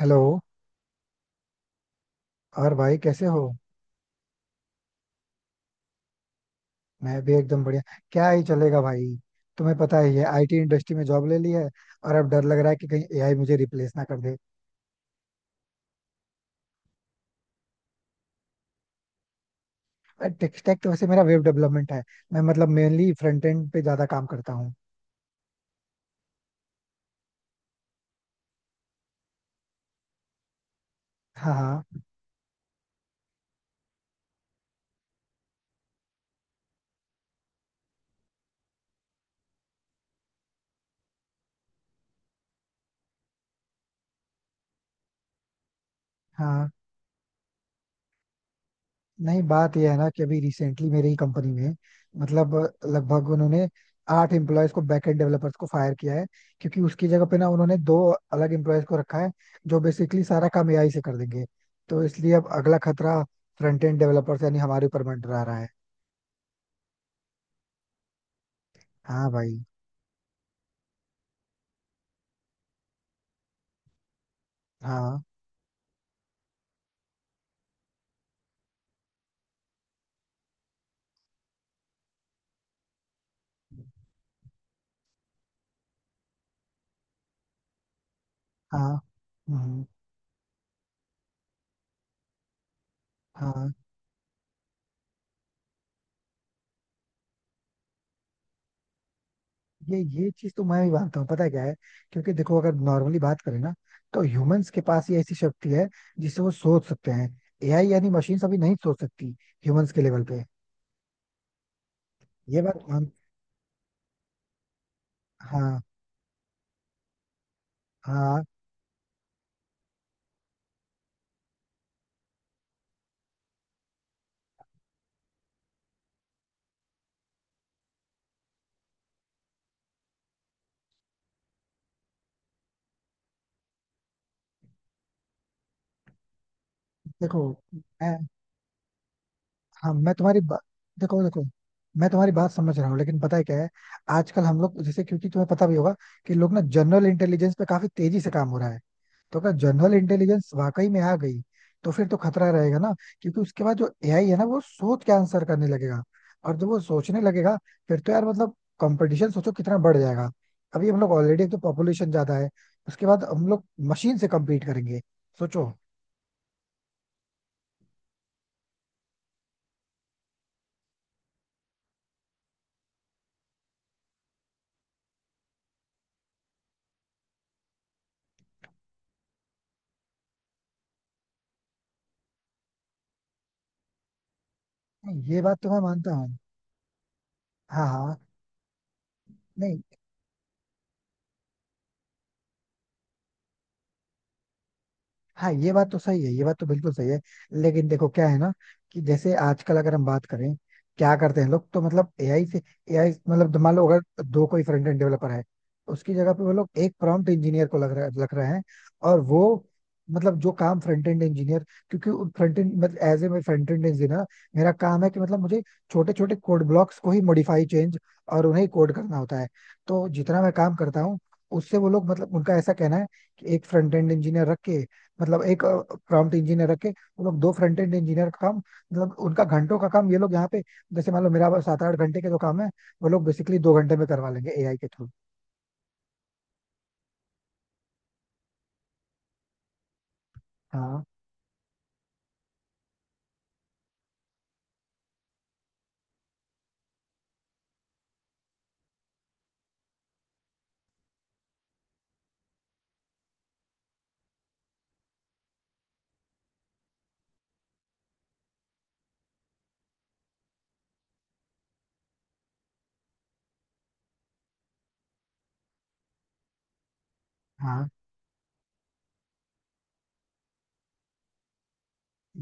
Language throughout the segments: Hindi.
हेलो। और भाई कैसे हो? मैं भी एकदम बढ़िया। क्या ही चलेगा भाई। तुम्हें पता ही है, आईटी इंडस्ट्री में जॉब ले ली है, और अब डर लग रहा है कि कहीं एआई मुझे रिप्लेस ना कर दे। टेक स्टैक तो वैसे मेरा वेब डेवलपमेंट है। मैं मतलब मेनली फ्रंट एंड पे ज्यादा काम करता हूँ। हाँ हाँ। हाँ। नहीं, बात यह है ना कि अभी रिसेंटली मेरे ही कंपनी में, मतलब लगभग उन्होंने आठ एम्प्लॉयज को, बैकएंड डेवलपर्स को फायर किया है, क्योंकि उसकी जगह पे ना उन्होंने दो अलग एम्प्लॉयज को रखा है जो बेसिकली सारा काम एआई से कर देंगे। तो इसलिए अब अगला खतरा फ्रंट एंड डेवलपर्स यानी हमारे ऊपर मंडरा रहा है। हाँ भाई। हाँ हाँ। हम्म। हाँ। ये चीज तो मैं भी मानता हूँ। पता है क्या है, क्योंकि देखो अगर नॉर्मली बात करें ना, तो ह्यूमंस के पास ये ऐसी शक्ति है जिससे वो सोच सकते हैं। एआई यानी मशीन अभी नहीं सोच सकती ह्यूमंस के लेवल पे। ये बात मान। हाँ हाँ। देखो, मैं हाँ मैं तुम्हारी बा... देखो देखो, मैं तुम्हारी बात समझ रहा हूँ, लेकिन पता है क्या है, आजकल हम लोग जैसे, क्योंकि तुम्हें पता भी होगा कि लोग ना, जनरल इंटेलिजेंस पे काफी तेजी से काम हो रहा है। तो अगर जनरल इंटेलिजेंस वाकई में आ गई, तो फिर तो खतरा रहेगा ना, क्योंकि उसके बाद जो एआई है ना, वो सोच के आंसर करने लगेगा, और जब वो सोचने लगेगा, फिर तो यार मतलब, कंपटीशन सोचो कितना बढ़ जाएगा। अभी हम लोग ऑलरेडी, एक तो पॉपुलेशन ज्यादा है, उसके बाद हम लोग मशीन से कम्पीट करेंगे, सोचो। नहीं, ये बात तो मैं मानता हूँ। हाँ हाँ। नहीं। हाँ, ये बात तो सही है, ये बात तो बिल्कुल सही है। लेकिन देखो क्या है ना, कि जैसे आजकल अगर हम बात करें, क्या करते हैं लोग तो मतलब एआई से, एआई मतलब मान लो, अगर दो कोई फ्रंट एंड डेवलपर है, उसकी जगह पे वो लोग एक प्रॉम्प्ट इंजीनियर को लग रहे हैं। और वो, मतलब जो काम फ्रंट एंड इंजीनियर, क्योंकि फ्रंट एंड मतलब, एज ए, मैं फ्रंट एंड इंजीनियर, मेरा काम है कि मतलब मुझे छोटे छोटे कोड ब्लॉक्स को ही मॉडिफाई चेंज और उन्हें कोड करना होता है। तो जितना मैं काम करता हूँ, उससे वो लोग, मतलब उनका ऐसा कहना है कि एक फ्रंट एंड इंजीनियर रख के, मतलब एक प्रॉम्प्ट इंजीनियर रखे, वो लोग दो फ्रंट एंड इंजीनियर का काम, मतलब उनका घंटों का काम ये लोग यहाँ पे, जैसे मान लो मेरा बस 7-8 घंटे के जो काम है, वो लोग बेसिकली 2 घंटे में करवा लेंगे एआई के थ्रू। हाँ हाँ।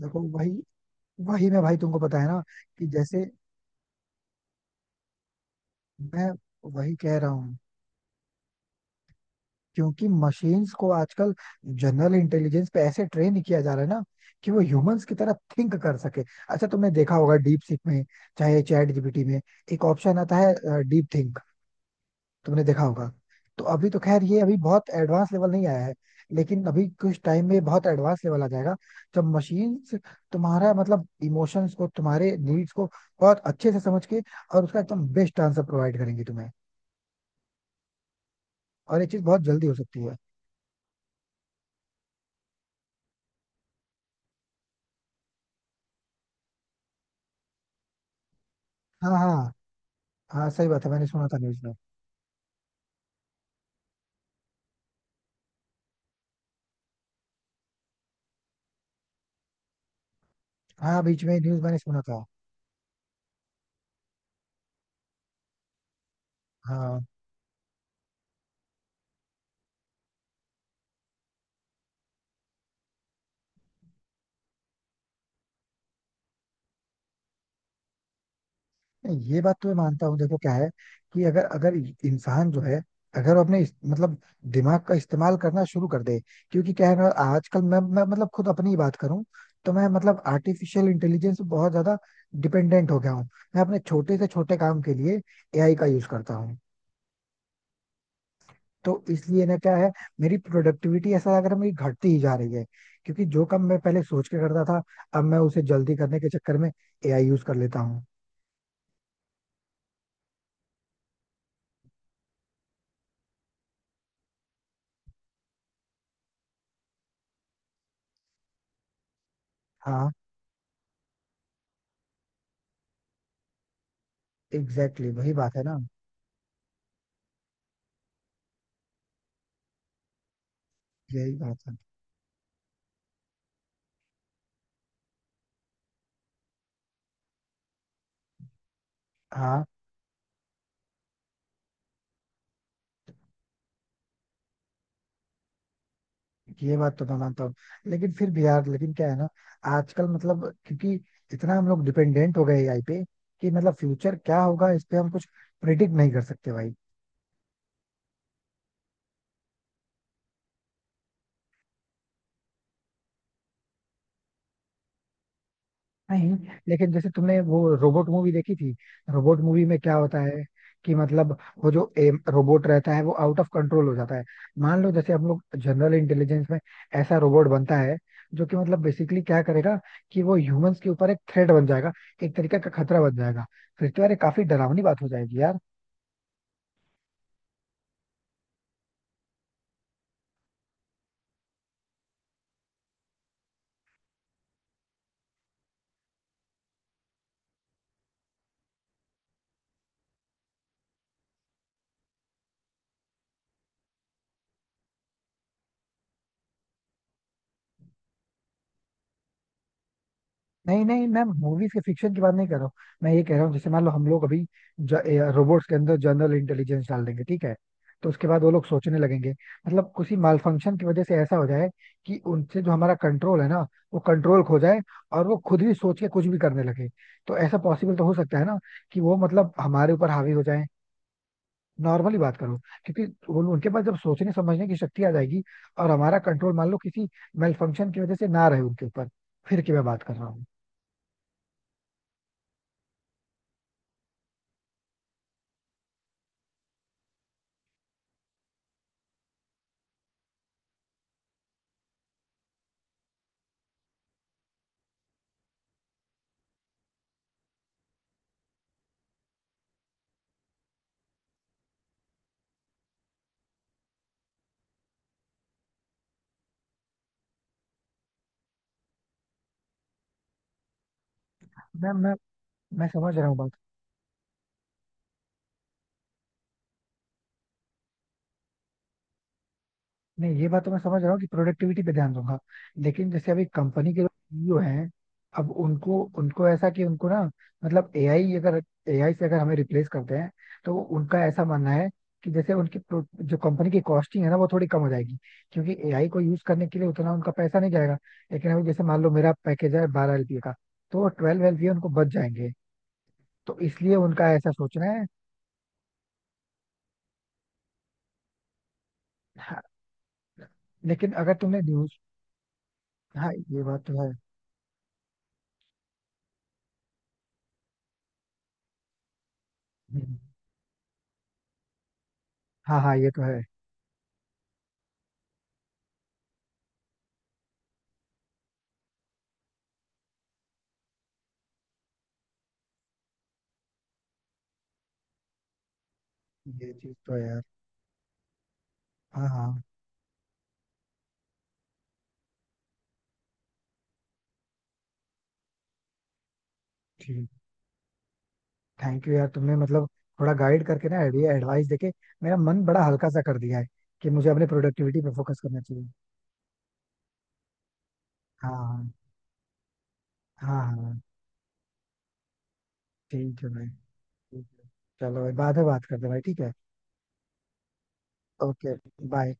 देखो वही, वही मैं भाई, तुमको पता है ना, कि जैसे, मैं वही कह रहा हूँ। क्योंकि मशीन्स को आजकल जनरल इंटेलिजेंस पे ऐसे ट्रेन किया जा रहा है ना कि वो ह्यूमंस की तरह थिंक कर सके। अच्छा, तुमने देखा होगा डीप सीक में, चाहे चैट जीपीटी में, एक ऑप्शन आता है डीप थिंक, तुमने देखा होगा। तो अभी तो खैर ये अभी बहुत एडवांस लेवल नहीं आया है, लेकिन अभी कुछ टाइम में बहुत एडवांस लेवल आ जाएगा, जब मशीन तुम्हारा, मतलब इमोशंस को, तुम्हारे नीड्स को बहुत अच्छे से समझ के और उसका एकदम बेस्ट आंसर प्रोवाइड करेंगी तुम्हें। और ये चीज बहुत जल्दी हो सकती है। हाँ। हाँ, हाँ सही बात है, मैंने सुना था न्यूज में। हाँ, बीच में न्यूज मैंने सुना था। हाँ। नहीं, ये बात तो मैं मानता हूँ। देखो क्या है, कि अगर अगर इंसान जो है, अगर वो मतलब दिमाग का इस्तेमाल करना शुरू कर दे। क्योंकि क्या है ना, आजकल मैं मतलब खुद अपनी ही बात करूं, तो मैं, मतलब आर्टिफिशियल इंटेलिजेंस पे बहुत ज्यादा डिपेंडेंट हो गया हूँ। मैं अपने छोटे से छोटे काम के लिए एआई का यूज करता हूँ। तो इसलिए ना, क्या है, मेरी प्रोडक्टिविटी ऐसा, अगर मेरी घटती ही जा रही है, क्योंकि जो काम मैं पहले सोच के करता था, अब मैं उसे जल्दी करने के चक्कर में एआई यूज कर लेता हूँ। हाँ। एग्जैक्टली वही बात है ना। यही बात है। हाँ, ये बात तो मैं मानता हूँ, लेकिन फिर भी यार, लेकिन क्या है ना, आजकल मतलब, क्योंकि इतना हम लोग डिपेंडेंट हो गए एआई पे, कि मतलब फ्यूचर क्या होगा इस पे हम कुछ प्रिडिक्ट नहीं कर सकते भाई। नहीं। लेकिन जैसे तुमने वो रोबोट मूवी देखी थी, रोबोट मूवी में क्या होता है, कि मतलब वो जो एम रोबोट रहता है, वो आउट ऑफ कंट्रोल हो जाता है। मान लो जैसे हम लोग जनरल इंटेलिजेंस में ऐसा रोबोट बनता है, जो कि मतलब बेसिकली क्या करेगा, कि वो ह्यूमंस के ऊपर एक थ्रेट बन जाएगा, एक तरीके का खतरा बन जाएगा। फिर तो यार ये काफी डरावनी बात हो जाएगी यार। नहीं नहीं, मैम मूवीज के फिक्शन की बात नहीं कर रहा हूँ। मैं ये कह रहा हूँ, जैसे मान लो हम लोग अभी रोबोट्स के अंदर जनरल इंटेलिजेंस डाल देंगे, ठीक है? तो उसके बाद वो लोग सोचने लगेंगे, मतलब किसी माल फंक्शन की वजह से ऐसा हो जाए कि उनसे जो हमारा कंट्रोल है ना, वो कंट्रोल खो जाए, और वो खुद ही सोच के कुछ भी करने लगे। तो ऐसा पॉसिबल तो हो सकता है ना कि वो, मतलब हमारे ऊपर हावी हो जाए। नॉर्मली बात करो, क्योंकि वो, उनके पास जब सोचने समझने की शक्ति आ जाएगी, और हमारा कंट्रोल मान लो किसी मेल फंक्शन की वजह से ना रहे उनके ऊपर, फिर की मैं बात कर रहा हूँ। मैम, मैं समझ रहा हूँ बात। नहीं, ये बात तो मैं समझ रहा हूँ कि प्रोडक्टिविटी पे ध्यान दूंगा, लेकिन जैसे अभी कंपनी के लोग सीईओ हैं, अब उनको उनको ऐसा कि उनको ना, मतलब एआई अगर, एआई से अगर हमें रिप्लेस करते हैं, तो उनका ऐसा मानना है कि जैसे उनकी जो कंपनी की कॉस्टिंग है ना, वो थोड़ी कम हो जाएगी, क्योंकि एआई को यूज करने के लिए उतना उनका पैसा नहीं जाएगा। लेकिन अभी जैसे मान लो मेरा पैकेज है 12 एलपीए का, तो 12 एलपीए उनको बच जाएंगे। तो इसलिए उनका ऐसा सोचना है। हाँ, लेकिन अगर तुमने न्यूज। हाँ, ये बात तो है। हम्म। हाँ हाँ, ये तो है। ये चीज तो है यार। हाँ हाँ। ठीक। थैंक यू यार, तुमने मतलब थोड़ा गाइड करके ना, आइडिया एडवाइस देके मेरा मन बड़ा हल्का सा कर दिया है कि मुझे अपने प्रोडक्टिविटी पे फोकस करना चाहिए। हाँ हाँ हाँ। हाँ, ठीक है भाई। ठीक है, चलो भाई, बाद में बात करते हैं भाई। ठीक है। ओके। बाय।